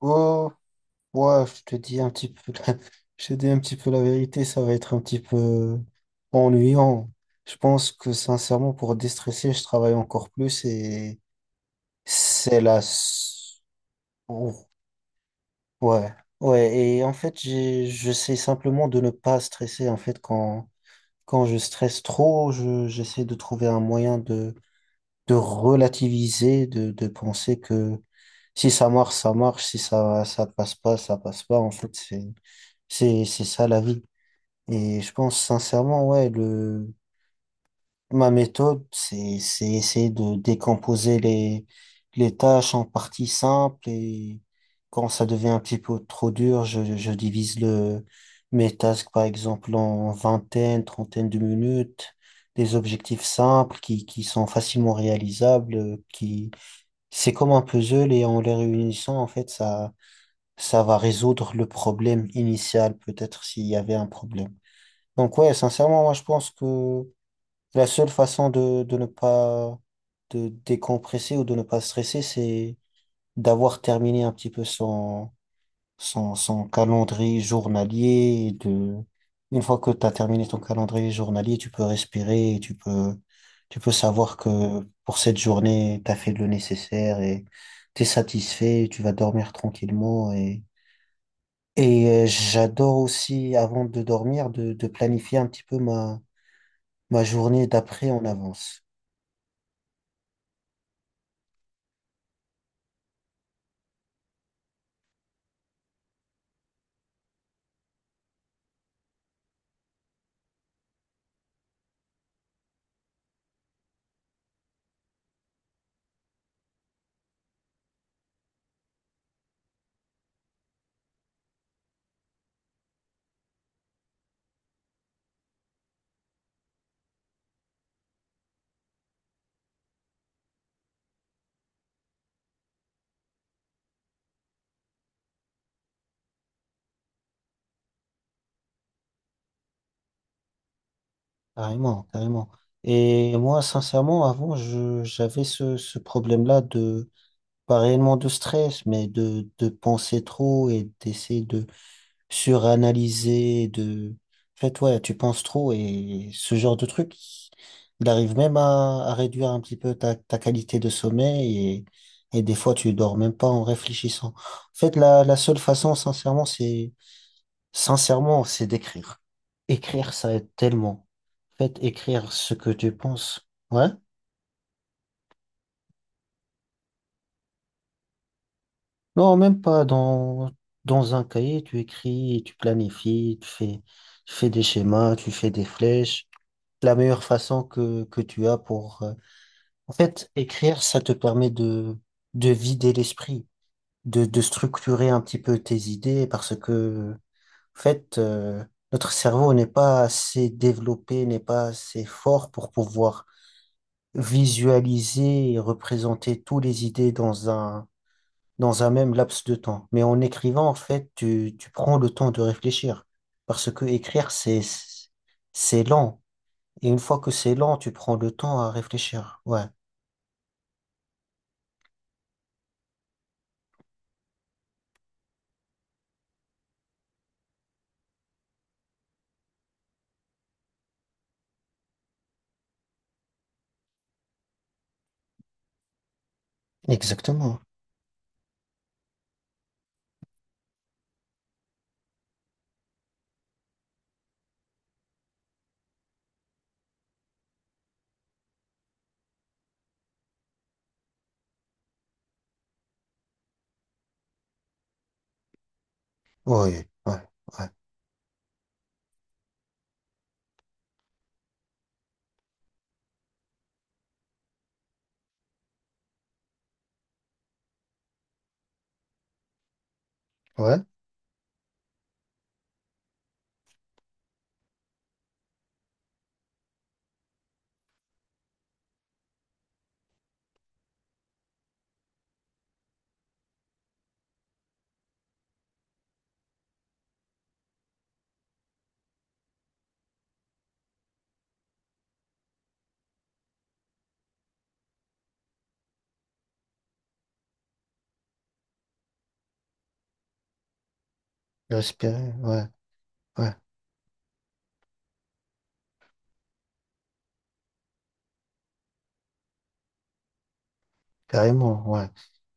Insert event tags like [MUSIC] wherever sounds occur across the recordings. Oh, ouais, je te dis un petit peu [LAUGHS] je te dis un petit peu la vérité, ça va être un petit peu ennuyant. Je pense que sincèrement, pour déstresser, je travaille encore plus et c'est la... s- Ouh, ouais, ouais, et en fait, j'essaie simplement de ne pas stresser. En fait, quand je stresse trop, j'essaie de trouver un moyen de relativiser, de penser que si ça marche, ça marche, si ça, ça passe pas, ça passe pas. En fait, c'est ça la vie. Et je pense sincèrement, ouais, ma méthode, c'est essayer de décomposer les tâches en parties simples et quand ça devient un petit peu trop dur, je divise mes tasks, par exemple, en vingtaine, trentaine de minutes, des objectifs simples qui sont facilement réalisables, qui, c'est comme un puzzle et en les réunissant, en fait, ça va résoudre le problème initial, peut-être s'il y avait un problème. Donc ouais, sincèrement, moi je pense que la seule façon de ne pas de décompresser ou de ne pas stresser, c'est d'avoir terminé un petit peu son calendrier journalier. Et une fois que tu as terminé ton calendrier journalier, tu peux respirer, et tu peux savoir que pour cette journée, tu as fait le nécessaire et tu es satisfait, tu vas dormir tranquillement. Et j'adore aussi, avant de dormir, de planifier un petit peu ma journée d'après en avance. Carrément, carrément. Et moi, sincèrement, avant, j'avais ce problème-là de, pas réellement de stress, mais de penser trop et d'essayer de suranalyser, de, en fait, ouais, tu penses trop et ce genre de truc, il arrive même à réduire un petit peu ta qualité de sommeil et des fois, tu dors même pas en réfléchissant. En fait, la seule façon, sincèrement, sincèrement, c'est d'écrire. Écrire, ça aide tellement. Faites écrire ce que tu penses. Ouais? Non, même pas dans, dans un cahier, tu écris, tu planifies, tu fais des schémas, tu fais des flèches. La meilleure façon que tu as pour... en fait, écrire, ça te permet de vider l'esprit, de structurer un petit peu tes idées parce que, en fait, notre cerveau n'est pas assez développé, n'est pas assez fort pour pouvoir visualiser et représenter toutes les idées dans dans un même laps de temps. Mais en écrivant, en fait, tu prends le temps de réfléchir. Parce que c'est lent. Et une fois que c'est lent, tu prends le temps à réfléchir. Ouais, exactement. Oui, ouais, ouais, ouais. Respirer, ouais, ouais, carrément, ouais.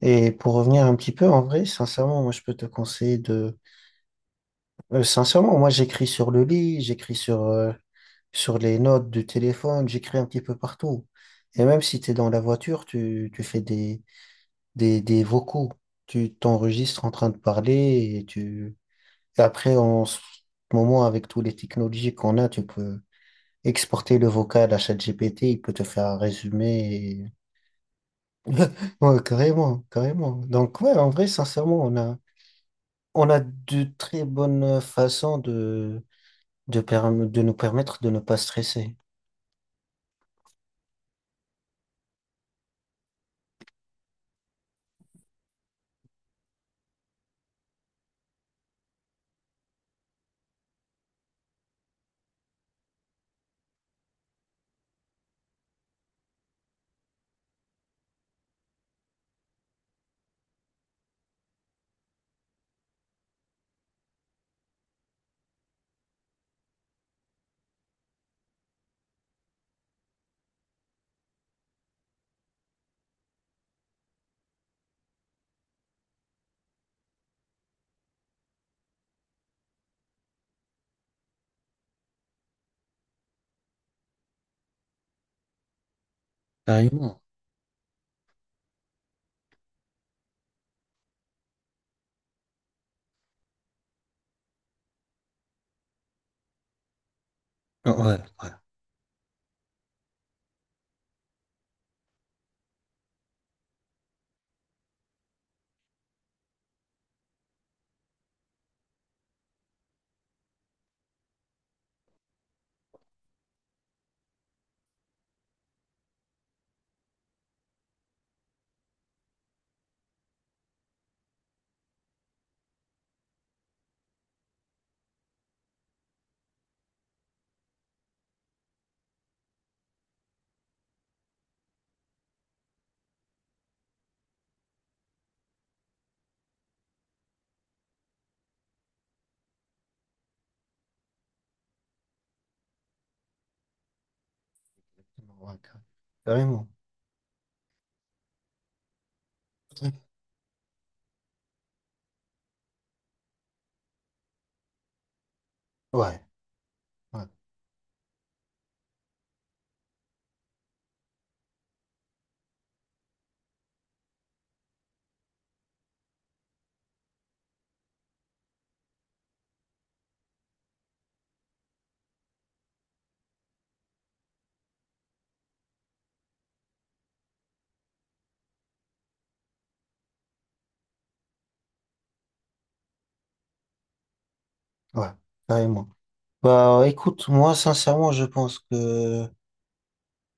Et pour revenir un petit peu, en vrai, sincèrement, moi, je peux te conseiller de... sincèrement, moi, j'écris sur le lit, sur les notes du téléphone, j'écris un petit peu partout. Et même si tu es dans la voiture, tu fais des vocaux. Tu t'enregistres en train de parler et tu... et après, en ce moment, avec toutes les technologies qu'on a, tu peux exporter le vocal à ChatGPT, il peut te faire un résumé. et- [LAUGHS] Ouais, carrément, carrément. Donc, ouais, en vrai, sincèrement, on a de très bonnes façons de nous permettre de ne pas stresser. Carrément. Ouais, ouais. Ouais, carrément. Ouais, ouais, ouais, carrément. Bah écoute, moi sincèrement, je pense que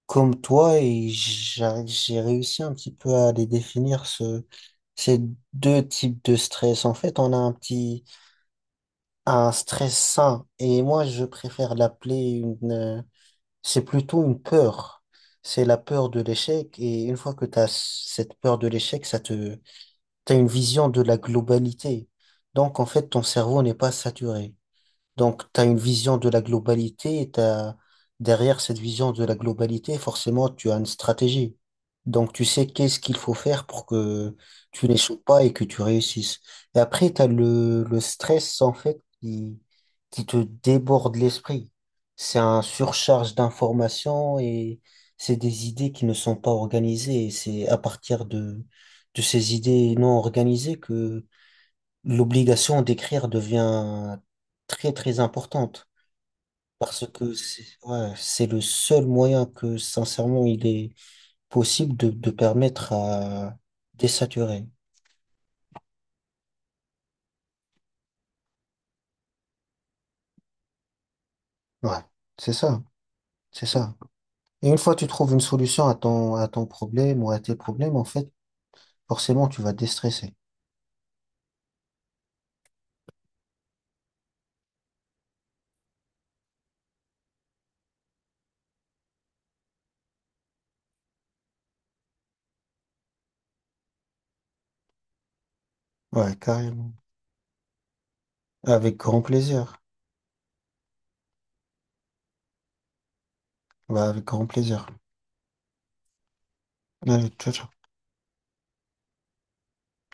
comme toi, et j'ai réussi un petit peu à les définir ces deux types de stress. En fait, on a un petit un stress sain et moi je préfère l'appeler une euh, c'est plutôt une peur. C'est la peur de l'échec et une fois que tu as cette peur de l'échec, ça te tu as une vision de la globalité. Donc, en fait, ton cerveau n'est pas saturé. Donc, tu as une vision de la globalité et derrière cette vision de la globalité, forcément, tu as une stratégie. Donc, tu sais qu'est-ce qu'il faut faire pour que tu n'échoues pas et que tu réussisses. Et après, tu as le stress, en fait, qui te déborde l'esprit. C'est un surcharge d'informations et c'est des idées qui ne sont pas organisées. Et c'est à partir de ces idées non organisées que l'obligation d'écrire devient très très importante parce que c'est le seul moyen que sincèrement il est possible de permettre à désaturer. Ouais, c'est ça, c'est ça. Et une fois que tu trouves une solution à ton problème ou à tes problèmes, en fait, forcément tu vas déstresser. Ouais, carrément. Avec grand plaisir. Ouais, avec grand plaisir. Allez, ciao, ciao.